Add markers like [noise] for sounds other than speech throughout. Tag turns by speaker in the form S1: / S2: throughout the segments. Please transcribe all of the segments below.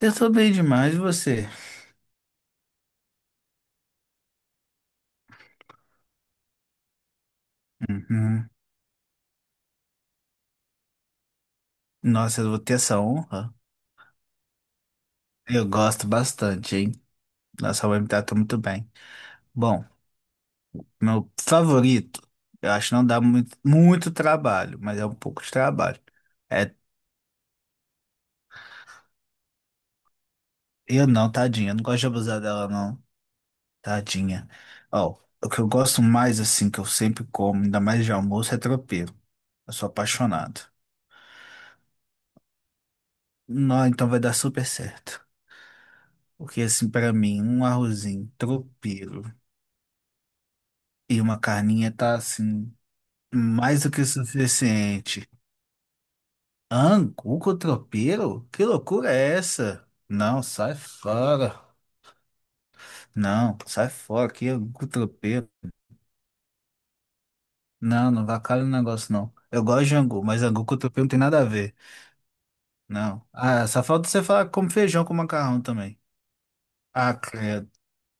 S1: Eu tô bem demais, e você? Uhum. Nossa, eu vou ter essa honra. Eu gosto bastante, hein? Nossa, vai me tratou muito bem. Bom, meu favorito, eu acho que não dá muito trabalho, mas é um pouco de trabalho. É, eu não, tadinha, eu não gosto de abusar dela, não. Tadinha. Ó, o que eu gosto mais, assim, que eu sempre como, ainda mais de almoço, é tropeiro. Eu sou apaixonado. Não, então vai dar super certo. Porque, assim, pra mim, um arrozinho, tropeiro. E uma carninha tá assim, mais do que suficiente. Angu com tropeiro? Que loucura é essa? Não, sai fora. Não, sai fora. Que angu com tropeiro? Não, não vacalha o negócio, não. Eu gosto de angu, mas angu com tropeiro não tem nada a ver. Não. Ah, só falta você falar que feijão com macarrão também. Ah, credo.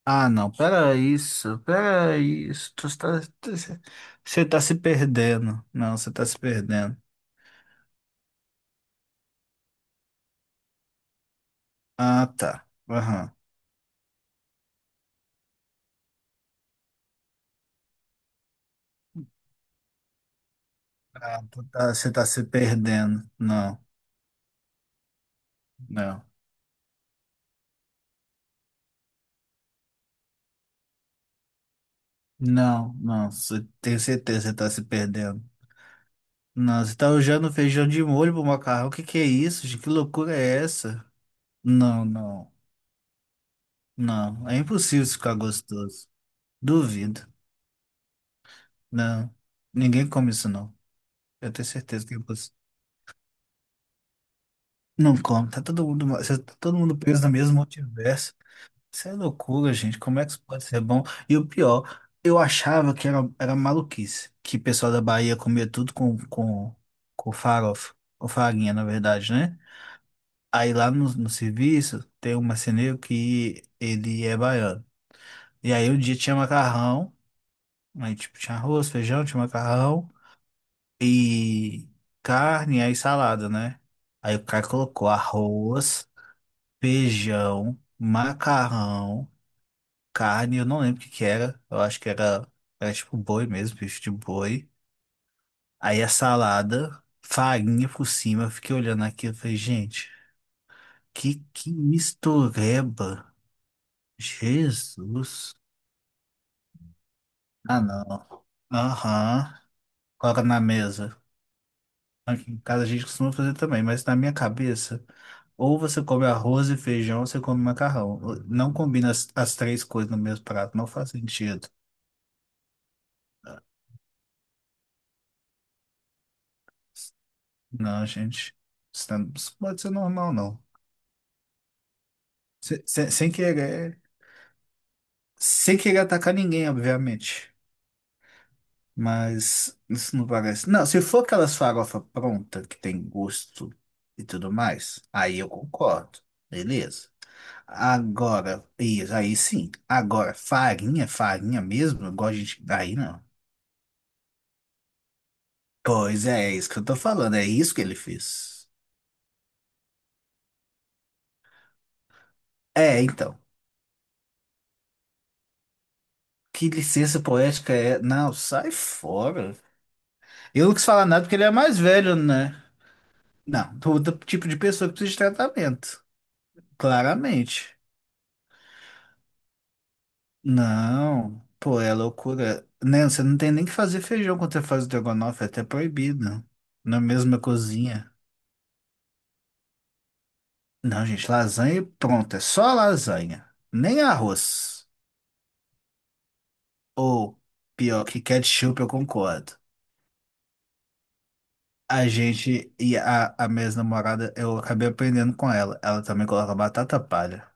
S1: Ah, não, pera isso, pera isso. Você tá se perdendo. Não, você tá se perdendo. Ah, tá. Aham. Você tá se perdendo. Não, não. Não, não. Tenho certeza que você tá se perdendo. Não, você tá usando feijão de molho pro macarrão. O que que é isso, gente? Que loucura é essa? Não, não. Não. É impossível isso ficar gostoso. Duvido. Não. Ninguém come isso, não. Eu tenho certeza que é impossível. Não come. Tá todo mundo, tá todo mundo preso no mesmo multiverso. Isso é loucura, gente. Como é que isso pode ser bom? E o pior, eu achava que era maluquice, que o pessoal da Bahia comia tudo com farofa, com farinha, na verdade, né? Aí lá no serviço tem um marceneiro que ele é baiano. E aí um dia tinha macarrão, aí tipo tinha arroz, feijão, tinha macarrão e carne, aí salada, né? Aí o cara colocou arroz, feijão, macarrão, carne, eu não lembro o que que era. Eu acho que era, era tipo boi mesmo, bicho de boi. Aí a salada, farinha por cima. Eu fiquei olhando aqui e falei, gente, que mistureba. Jesus. Ah, não. Aham. Coloca na mesa. Aqui em casa a gente costuma fazer também, mas na minha cabeça, ou você come arroz e feijão, ou você come macarrão. Não combina as três coisas no mesmo prato, não faz sentido. Não, gente. Isso isso pode ser normal, não. Sem querer, sem querer atacar ninguém, obviamente. Mas isso não parece. Não, se for aquelas farofa pronta que tem gosto e tudo mais, aí eu concordo. Beleza. Agora, isso aí sim. Agora, farinha, farinha mesmo, igual a gente. Aí não. Pois é, é isso que eu tô falando, é isso que ele fez. É, então. Que licença poética é? Não, sai fora. Eu não quis falar nada porque ele é mais velho, né? Não, todo tipo de pessoa que precisa de tratamento. Claramente. Não, pô, é loucura. Né? Você não tem nem que fazer feijão quando você faz o estrogonofe, é até proibido. Na mesma cozinha. Não, gente, lasanha e pronto, é só lasanha. Nem arroz. Ou, pior, que ketchup, eu concordo. A gente e a minha ex-namorada, eu acabei aprendendo com ela. Ela também coloca batata palha.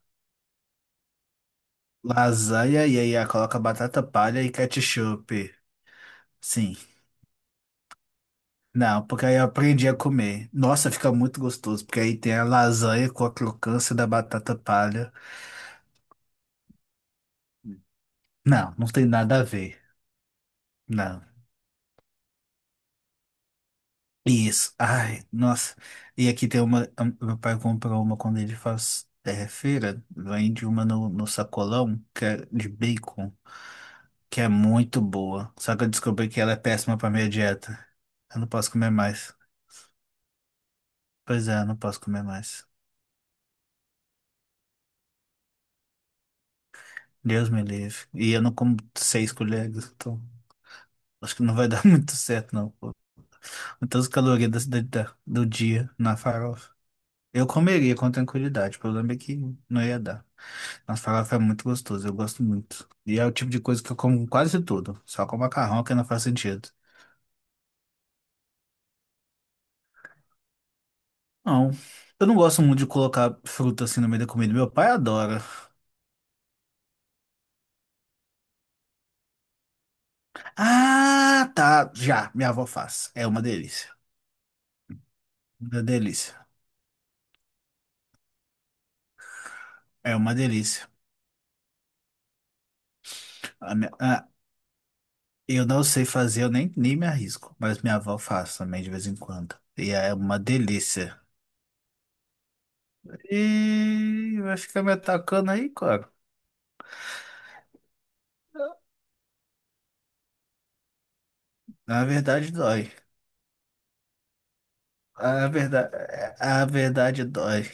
S1: Lasanha e aí ela coloca batata palha e ketchup. Sim. Não, porque aí eu aprendi a comer. Nossa, fica muito gostoso, porque aí tem a lasanha com a crocância da batata palha. Não, não tem nada a ver. Não. Isso. Ai, nossa. E aqui tem uma. Meu pai comprou uma quando ele faz é, feira. Vende uma no sacolão, que é de bacon, que é muito boa. Só que eu descobri que ela é péssima pra minha dieta. Eu não posso comer mais. Pois é, eu não posso comer mais. Deus me livre. E eu não como seis colheres, então. Acho que não vai [laughs] dar muito certo, não. Quantas calorias da, do dia na farofa? Eu comeria com tranquilidade, o problema é que não ia dar. Mas farofa é muito gostoso, eu gosto muito. E é o tipo de coisa que eu como quase tudo, só com macarrão que não faz sentido. Não, eu não gosto muito de colocar fruta assim no meio da comida, meu pai adora. Ah, tá, já, minha avó faz, é uma delícia. Uma delícia, é uma delícia. A minha- ah, eu não sei fazer, eu nem me arrisco, mas minha avó faz também de vez em quando. E é uma delícia. E vai ficar me atacando aí, cara. A verdade dói. A verdade, a verdade dói.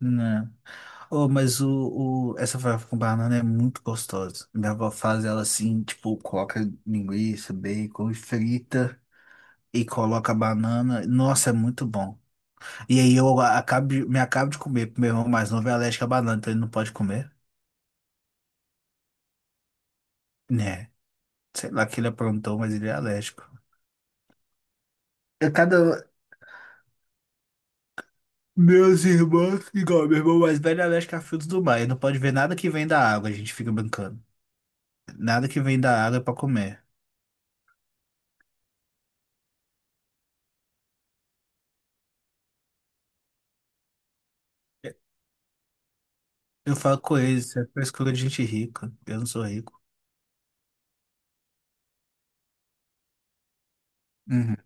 S1: Não. Oh, mas essa farofa com banana é muito gostosa. Minha avó faz ela assim, tipo, coloca linguiça, bacon, e frita e coloca banana. Nossa, é muito bom. E aí eu acabo, me acabo de comer, porque meu irmão mais novo é alérgico a banana, então ele não pode comer. Né? Sei lá que ele aprontou, mas ele é alérgico. É Cada, Meus irmãos, igual meu irmão mais velho é alérgico a frutos do mar. Ele não pode ver nada que vem da água, a gente fica brincando. Nada que vem da água é pra comer. Eu falo com ele, isso é frescura de gente rica. Eu não sou rico. Uhum.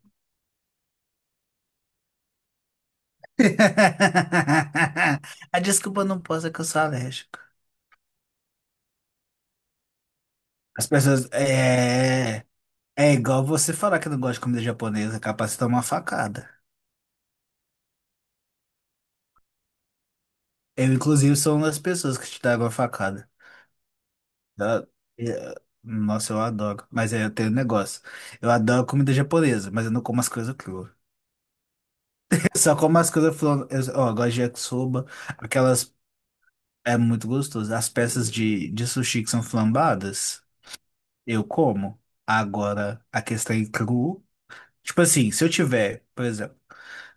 S1: [laughs] A desculpa não posso é que eu sou alérgico. As pessoas. É. É igual você falar que não gosta de comida japonesa, é capaz de tomar uma facada. Eu, inclusive, sou uma das pessoas que te dá uma facada. Ah, é, nossa, eu adoro. Mas aí eu tenho um negócio. Eu adoro comida japonesa, mas eu não como as coisas cruas. [laughs] Só como as coisas cruas. Eu, ó, eu gosto de yakisoba. Aquelas. É muito gostoso. As peças de sushi que são flambadas, eu como. Agora, a questão é cru. Tipo assim, se eu tiver, por exemplo.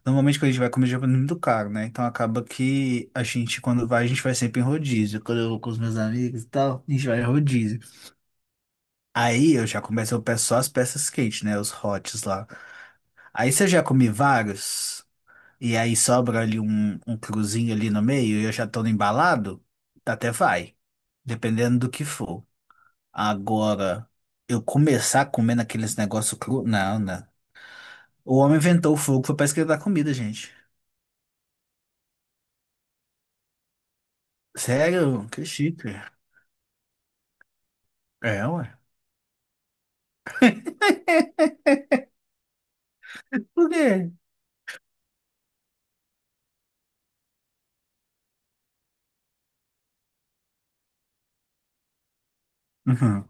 S1: Normalmente quando a gente vai comer japonês é muito caro, né? Então acaba que a gente, quando vai, a gente vai sempre em rodízio. Quando eu vou com os meus amigos e tal, a gente vai em rodízio. Aí eu já começo, a peço só as peças quentes, né? Os hots lá. Aí se eu já comi vários, e aí sobra ali um cruzinho ali no meio, e eu já tô no embalado, até vai. Dependendo do que for. Agora, eu começar comendo aqueles negócios cru. Não, não. O homem inventou o fogo, foi pra esquentar a comida, gente. Sério? Que chique. É, ué. Por quê? Uhum.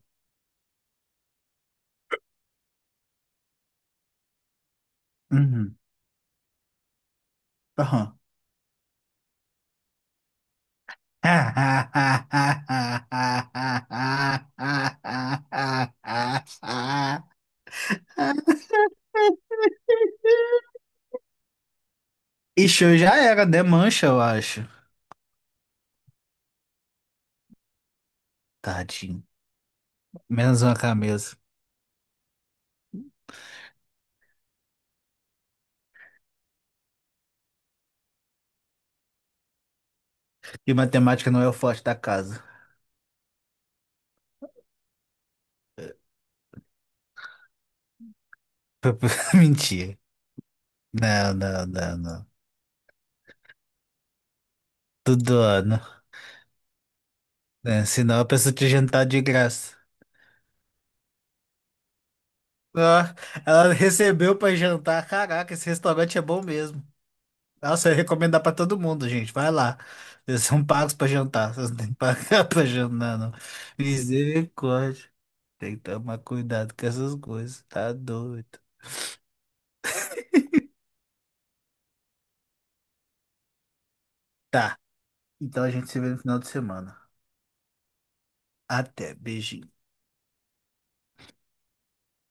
S1: Uhum. Aham. E já era, né? Mancha, eu acho. Tadinho. Menos uma camisa. E matemática não é o forte da casa. [laughs] Mentira. Não, não, não, não. Tudo ano. Né? Senão a pessoa te jantar de graça. Ah, ela recebeu pra jantar. Caraca, esse restaurante é bom mesmo. Nossa, eu recomendar pra todo mundo, gente. Vai lá. Vocês são pagos pra jantar. Vocês não têm que pagar [laughs] pra jantar, não. Misericórdia. Tem que tomar cuidado com essas coisas. Tá doido. Tá. Então a gente se vê no final de semana. Até. Beijinho.